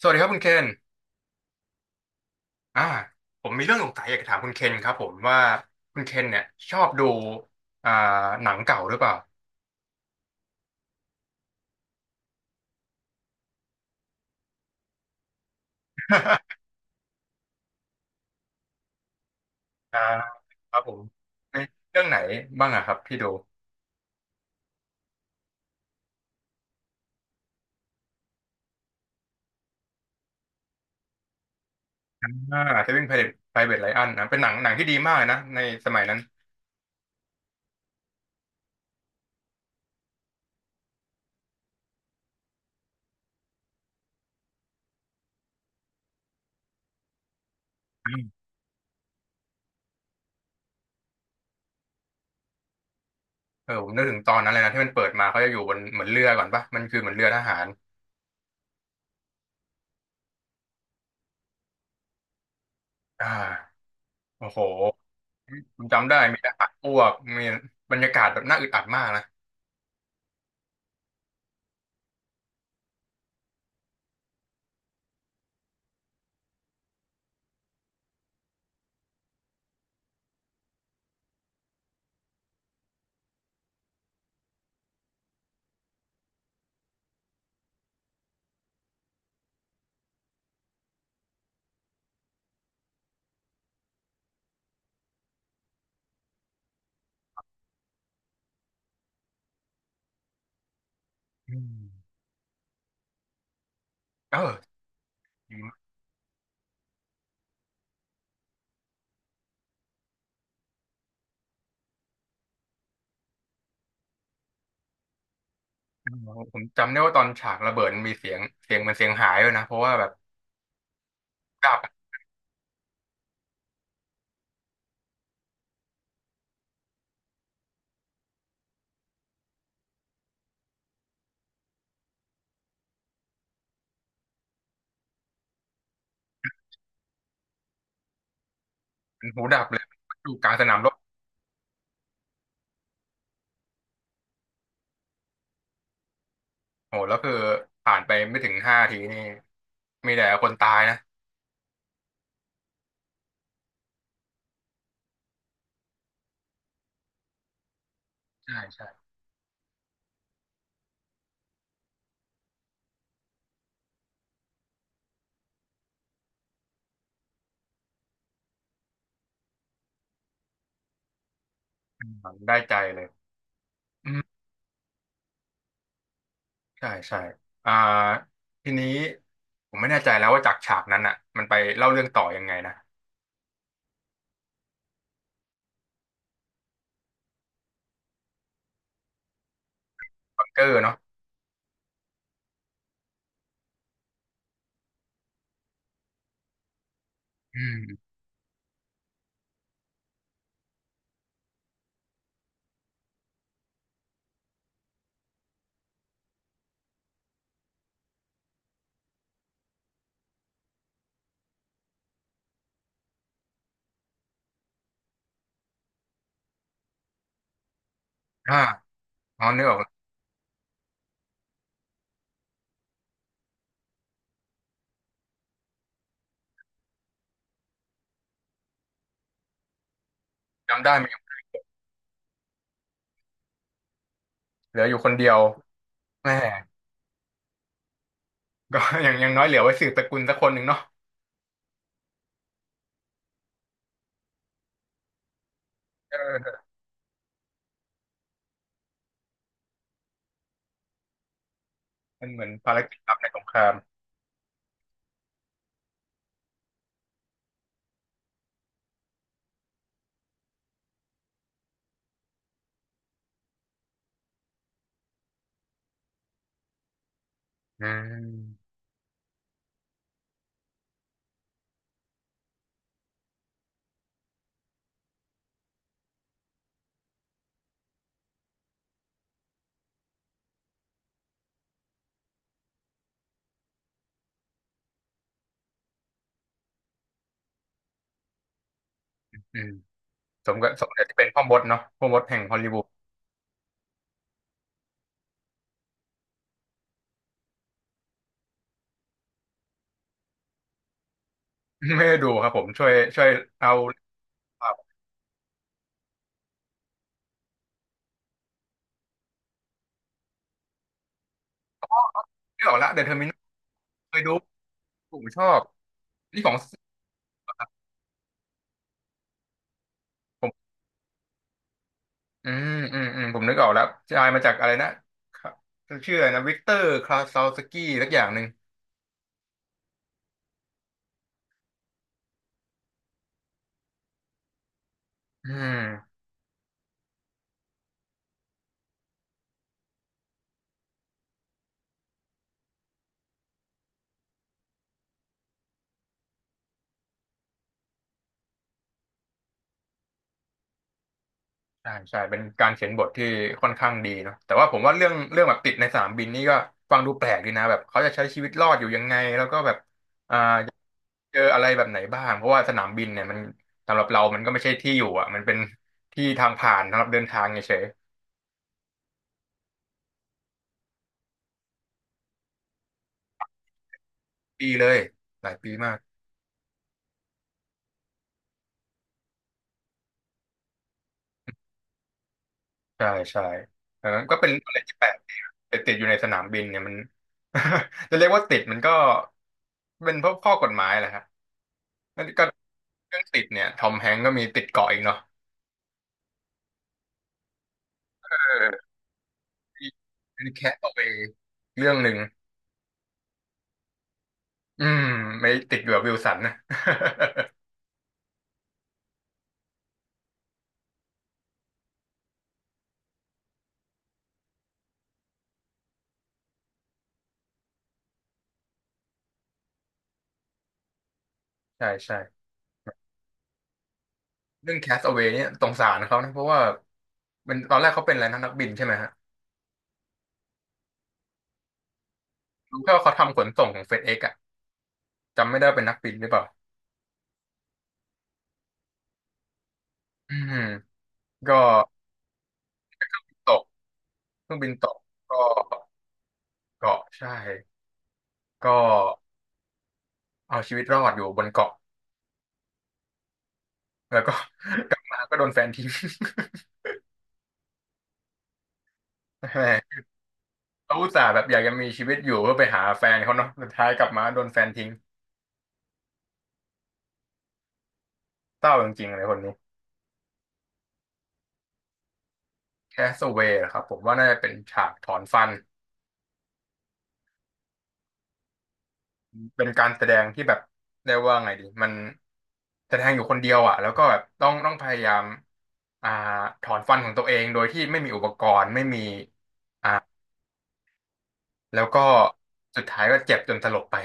สวัสดีครับคุณเคนอ่าผมมีเรื่องสงสัยอยากจะถามคุณเคนครับผมว่าคุณเคนเนี่ยชอบดูอ่าหนังเก่าหรือเปล่าอ่าครับผมเอ๊ะเรื่องไหนบ้างอะครับที่ดูอ่า Saving Private Ryan นะเป็นหนังที่ดีมากเลยนะในสมัยนั้นอืมเออผมนึกถึงตอนนั้นเลยนะที่มันเปิดมาเขาจะอยู่บนเหมือนเรือก่อนปะมันคือเหมือนเรือทหารอ่าโอ้โหผมจำได้มีทหารอ้วกมีบรรยากาศแบบน่าอึดอัดมากนะอืมเออ อ๋อผมจำได้ว่าตอนฉากระเบิดมันมีเสียงเสียงมันเสียงหายเลยนะเพราะว่าแบบดับมันหูดับเลยอยู่กลางสนามรบโหแล้วคือผ่านไปไม่ถึงห้าทีนี่มีแต่คนตายนะใช่ใช่อืมได้ใจเลยอืมใช่ใช่อ่าทีนี้ผมไม่แน่ใจแล้วว่าจากฉากนั้นอ่ะมันไปเล่าเรื่องต่อยังไงนะบังเกอร์เนาะอืมอ่าอ๋อนึกออกจำได้ไหมเหลืออยู่คนเดียวแม่ก็ อย่างน้อยเหลือไว้สืบตระกูลสักคนหนึ่งเนาะเออมันเหมือนภารกิจลับในสงคราม อืมอืมสมกับที่เป็นพ่อมดเนาะพ่อมดแห่งฮอลลีวูด ไม่ได้ดูครับผมช่วยเอาไม่ออกละเดอะเทอร์มินอลเคยดูผมชอบนี่ของครับผมอืมอืมอืมผมนึกออกแล้วชายมาจากอะไรนะครับชื่ออะไรนะวิกเตอร์คลาซาวสกี้สักอย่างหนึ่งอืม ใช่ใช่เป็นการเขียนบทที่ค่อนข้างดีเนาะแต่ว่าผมว่าเรื่องแบบติดในสนามบินนี่ก็ฟังดูแปลกดีนะแบบเขาจะใช้ชีวิตรอดอยู่ยังไงแล้วก็แบบอ่าเจออะไรแบบไหนบ้างเพราะว่าสนามบินเนี่ยมันสำหรับเรามันก็ไม่ใช่ที่อยู่อ่ะมันเป็นที่ทางผ่านสำหรับเดินทางเฉยๆปีเลยหลายปีมากใช่ใช่เออก็เป็นอะไรที่แปลกดีนะแต่ติดอยู่ในสนามบินเนี่ยมัน จะเรียกว่าติดมันก็เป็นเพราะข้อกฎหมายแหละฮะนั่นก็เรื่องติดเนี่ยทอมแฮงก์ก็มีติดเกาะอีกเนาะ เป็นแคทเอาไปเรื่องหนึ่งอืมไม่ติดอยู่กับวิลสันนะ ใช่ใช่เรื่องแคส t อ w a ว y เนี่ยสงสารเขานะเพราะว่าเป็นตอนแรกเขาเป็นอะไรนะนักบินใช่ไหมฮะรู้แค่ว่าเขาทำขนส่งของเฟดเอ็กอะจำไม่ได้ว่าเป็นนักบินหรือเปล่าอืมก็ตกเครื่องบินตกก็เกาะใช่ก็เอาชีวิตรอดอยู่บนเกาะแล้วก็ กลับมาก็โดนแฟนทิ้ง แหมเขาอุตส่าห์แบบอยากจะมีชีวิตอยู่เพื่อไปหาแฟนเขาเนาะสุดท้ายกลับมาโดนแฟนทิ้งเศร้าจริงๆเลยคนนี้ แคสเวย์ครับผมว่าน่าจะเป็นฉากถอนฟันเป็นการแสดงที่แบบเรียกว่าไงดีมันแสดงอยู่คนเดียวอ่ะแล้วก็แบบต้องพยายามอ่าถอนฟันของตัวเองโดยที่ไม่มีอุปกรณ์ไม่มีอ่าแล้วก็สุดท้ายก็เจ็บจนสลบไป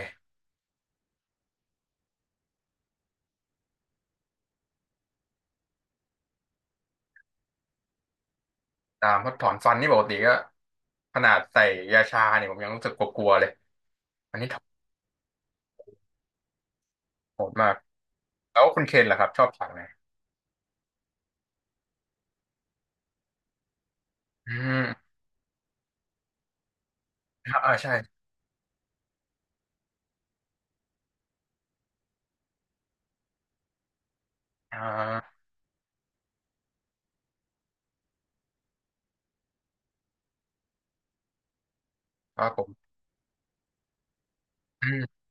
ตามเพราะถอนฟันนี่ปกติก็ขนาดใส่ยาชาเนี่ยผมยังรู้สึกกลัวๆเลยโหดมากแล้วคุณเคนล่ะครับชอบฉากไหนอืมอ่าใช่อ่าครับผมอืม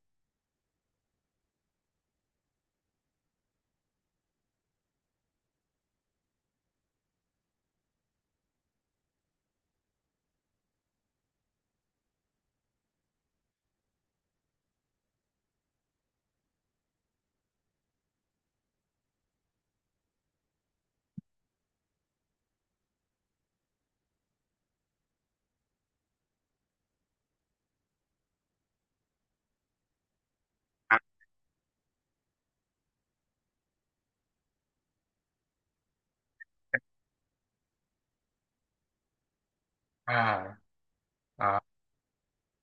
อ่าอ่า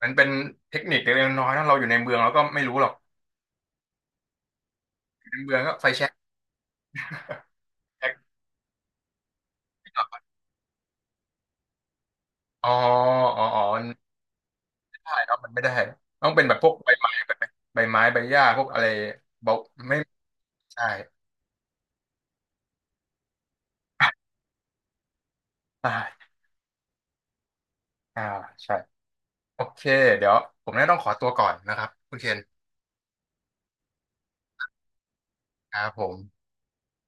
มันเป็นเทคนิคเล็กๆน้อยๆนะเราอยู่ในเมืองเราก็ไม่รู้หรอกอยู่ในเมืองก็ไฟแช็กอ๋ออ๋ออ๋อมันไม่ได้ครับมันไม่ได้ต้องเป็นแบบพวกใบไม้ใบหญ้าพวกอะไรเบาไม่ใช่ อ่าอ่าใช่โอเคเดี๋ยวผมน่าต้องขอตัวก่อนนะครับคุณเคนครับผม